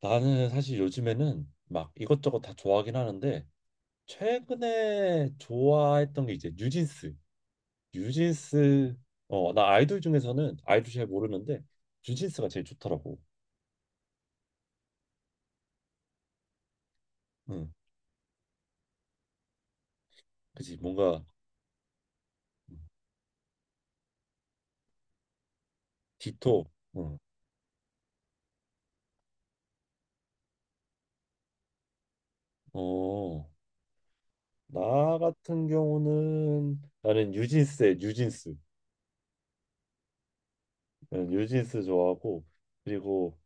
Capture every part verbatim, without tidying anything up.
나는 사실 요즘에는 막 이것저것 다 좋아하긴 하는데 최근에 좋아했던 게 이제 뉴진스. 뉴진스. 어 나 아이돌 중에서는 아이돌 잘 모르는데 뉴진스가 제일 좋더라고. 응. 그지, 뭔가. 디톡. 응. 어나 같은 경우는 나는 뉴진스의 뉴진스. 나는 뉴진스 좋아하고 그리고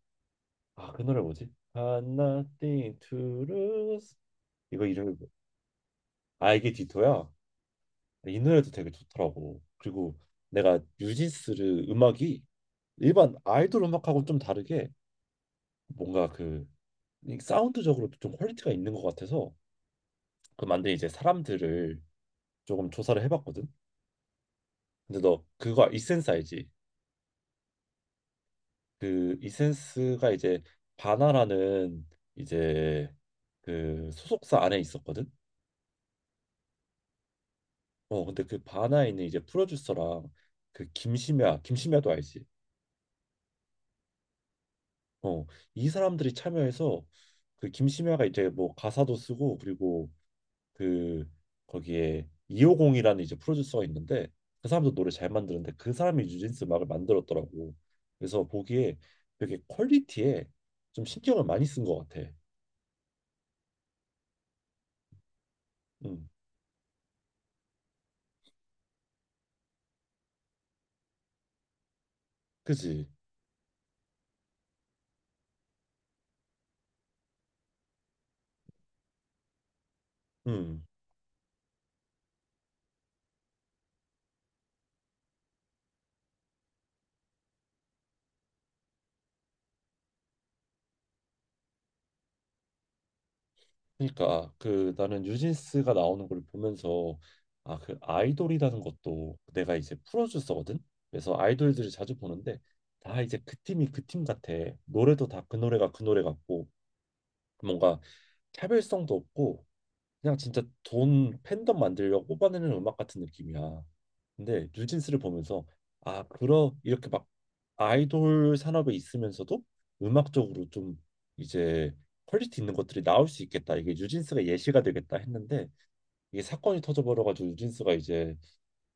아 그 노래 뭐지? Got nothing to lose. 이거 이름이 뭐-. 아 이게 디토야? 이 노래도 되게 좋더라고. 그리고 내가 뉴진스를, 음악이 일반 아이돌 음악하고 좀 다르게 뭔가 그이 사운드적으로도 좀 퀄리티가 있는 것 같아서 그 만든 이제 사람들을 조금 조사를 해봤거든. 근데 너 그거 이센스 알지? 그 이센스가 이제 바나라는 이제 그 소속사 안에 있었거든. 어 근데 그 바나에 있는 이제 프로듀서랑 그 김심야, 김심야도 알지? 어, 이 사람들이 참여해서 그 김심야가 이제 뭐 가사도 쓰고 그리고 그 거기에 이오공이라는 이제 프로듀서가 있는데 그 사람도 노래 잘 만드는데 그 사람이 뉴진스 음악을 만들었더라고. 그래서 보기에 되게 퀄리티에 좀 신경을 많이 쓴 것 같아. 음. 그지? 음. 그러니까 그 나는 뉴진스가 나오는 걸 보면서 아 그 아이돌이라는 것도, 내가 이제 프로듀서거든. 그래서 아이돌들을 자주 보는데 다 이제 그 팀이 그 팀 같아. 노래도 다 그 노래가 그 노래 같고 뭔가 차별성도 없고 그냥 진짜 돈 팬덤 만들려고 뽑아내는 음악 같은 느낌이야. 근데 뉴진스를 보면서 아, 그러 이렇게 막 아이돌 산업에 있으면서도 음악적으로 좀 이제 퀄리티 있는 것들이 나올 수 있겠다, 이게 뉴진스가 예시가 되겠다 했는데 이게 사건이 터져버려가지고 뉴진스가 이제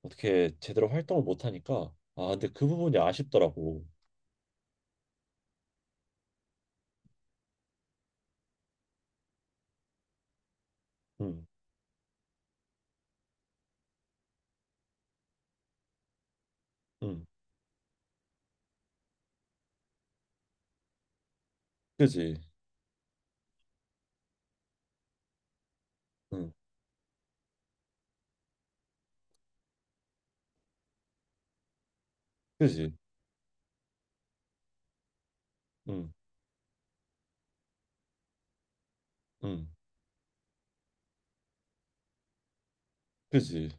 어떻게 제대로 활동을 못 하니까 아, 근데 그 부분이 아쉽더라고. 응. 응. 그지. 응. 그지. 응. 응. 그지.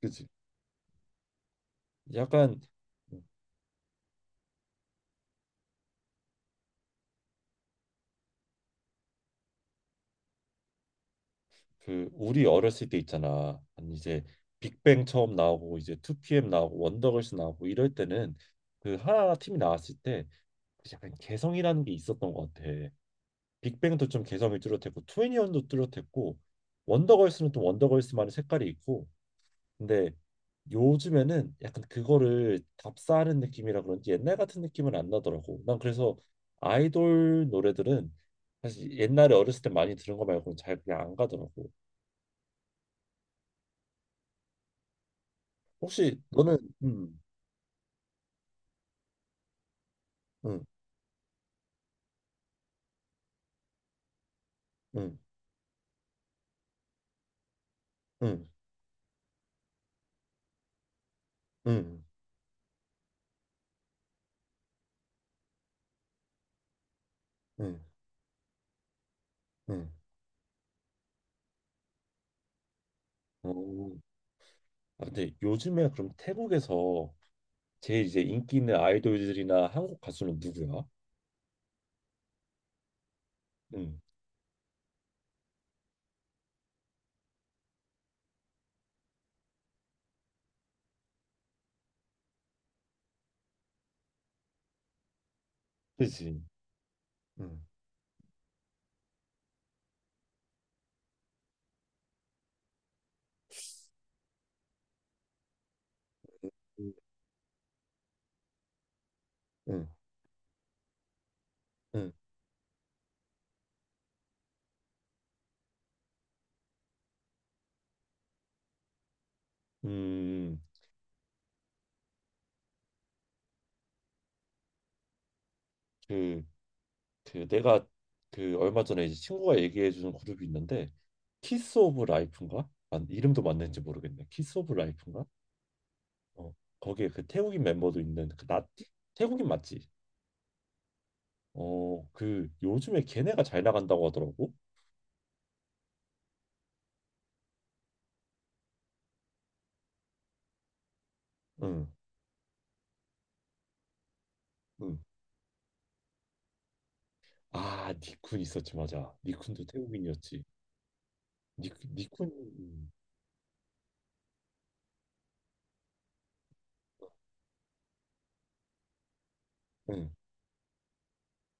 그지. 약간 그 우리 어렸을 때 있잖아. 아니 이제 빅뱅 처음 나오고 이제 투피엠 나오고 원더걸스 나오고 이럴 때는 그 하나 팀이 나왔을 때그 약간 개성이라는 게 있었던 것 같아. 빅뱅도 좀 개성이 뚜렷했고 2애니1도 뚜렷했고 원더걸스는 또 원더걸스만의 색깔이 있고 근데 요즘에는 약간 그거를 답사하는 느낌이라 그런지 옛날 같은 느낌은 안 나더라고. 난 그래서 아이돌 노래들은 사실 옛날에 어렸을 때 많이 들은 거 말고는 잘 그냥 안 가더라고. 혹시 너는 음. 음. 음. 음. 음. 음. 음. 어. 아, 근데 요즘에 그럼 태국에서 제일 이제 인기 있는 아이돌들이나 한국 가수는 누구야? 음. 그지. 음. 음. 음. 음. 그, 그 내가 그 얼마 전에 이제 친구가 얘기해 주는 그룹이 있는데 키스 오브 라이프인가? 아, 이름도 맞는지 모르겠네. 키스 오브 라이프인가? 어, 거기에 그 태국인 멤버도 있는 그 나티? 태국인 맞지? 어, 그 요즘에 걔네가 잘 나간다고 하더라고. 응. 응. 아, 니쿤 있었지, 맞아. 니쿤도 태국인이었지. 니 니쿤, 음. 응.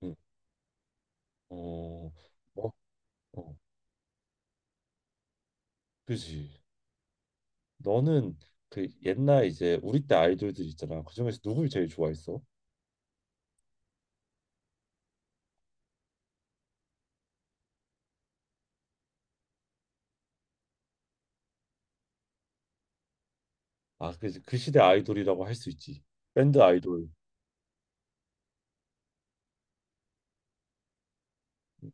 응. 어. 어. 어. 그지. 너는 그 옛날 이제 우리 때 아이돌들 있잖아. 그 중에서 누굴 제일 좋아했어? 아, 그지. 그 시대 아이돌이라고 할 수 있지. 밴드 아이돌. 응.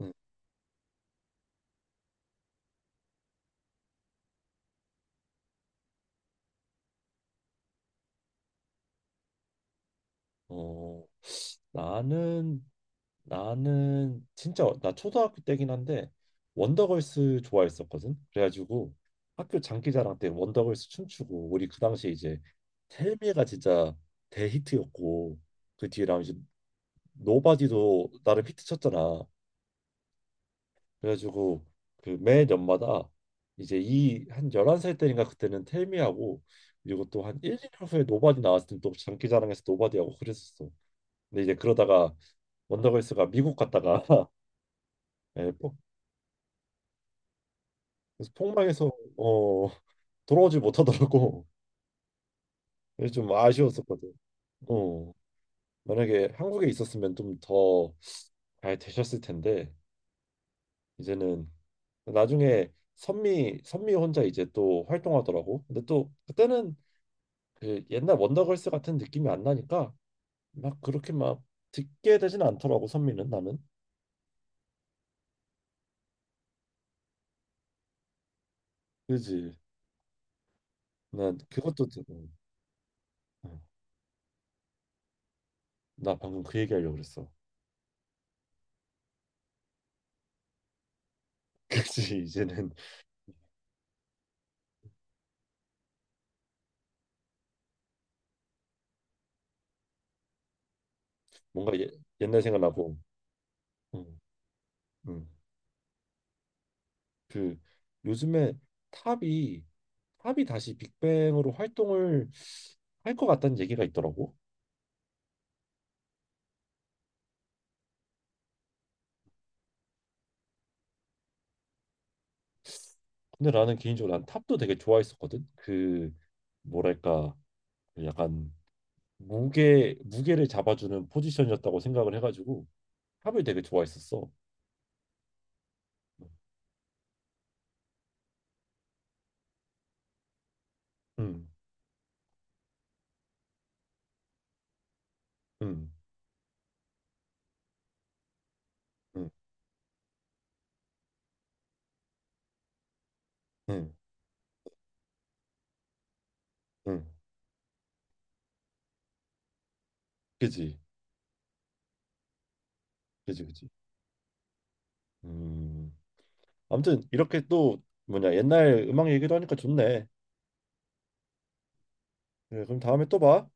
응. 어, 나는 나는 진짜 나 초등학교 때긴 한데 원더걸스 좋아했었거든. 그래가지고 학교 장기자랑 때 원더걸스 춤추고, 우리 그 당시에 이제 텔미가 진짜 대히트였고 그 뒤랑 이제 노바디도 나름 히트 쳤잖아. 그래가지고 그 매 년마다 이제 이 한 열한 살 때인가 그때는 텔미하고 그리고 또 한 일, 이 년 후에 노바디 나왔을 때 또 장기자랑에서 노바디하고 그랬었어. 근데 이제 그러다가 원더걸스가 미국 갔다가 예, 그래서 폭망해서 어 돌아오지 못하더라고. 그래서 좀 아쉬웠었거든. 어 만약에 한국에 있었으면 좀 더 잘 되셨을 텐데. 이제는 나중에 선미 선미 혼자 이제 또 활동하더라고. 근데 또 그때는 그 옛날 원더걸스 같은 느낌이 안 나니까 막 그렇게 막 듣게 되진 않더라고, 선미는, 나는. 그지? 난 그것도 좀-. 어, 나 방금 그 얘기하려고 그랬어. 그지? 이제는 뭔가 예, 옛날 생각나고. 응. 응. 그 요즘에 탑이 탑이 다시 빅뱅으로 활동을 할 것 같다는 얘기가 있더라고. 근데 나는 개인적으로 난 탑도 되게 좋아했었거든. 그 뭐랄까, 그 약간 무게 무게를 잡아주는 포지션이었다고 생각을 해가지고 탑을 되게 좋아했었어. 응. 응. 응. 응응. 응. 그지. 그지. 그지. 음. 아무튼 이렇게 또 뭐냐 옛날 음악 얘기도 하니까 좋네. 그래, 그럼 다음에 또 봐.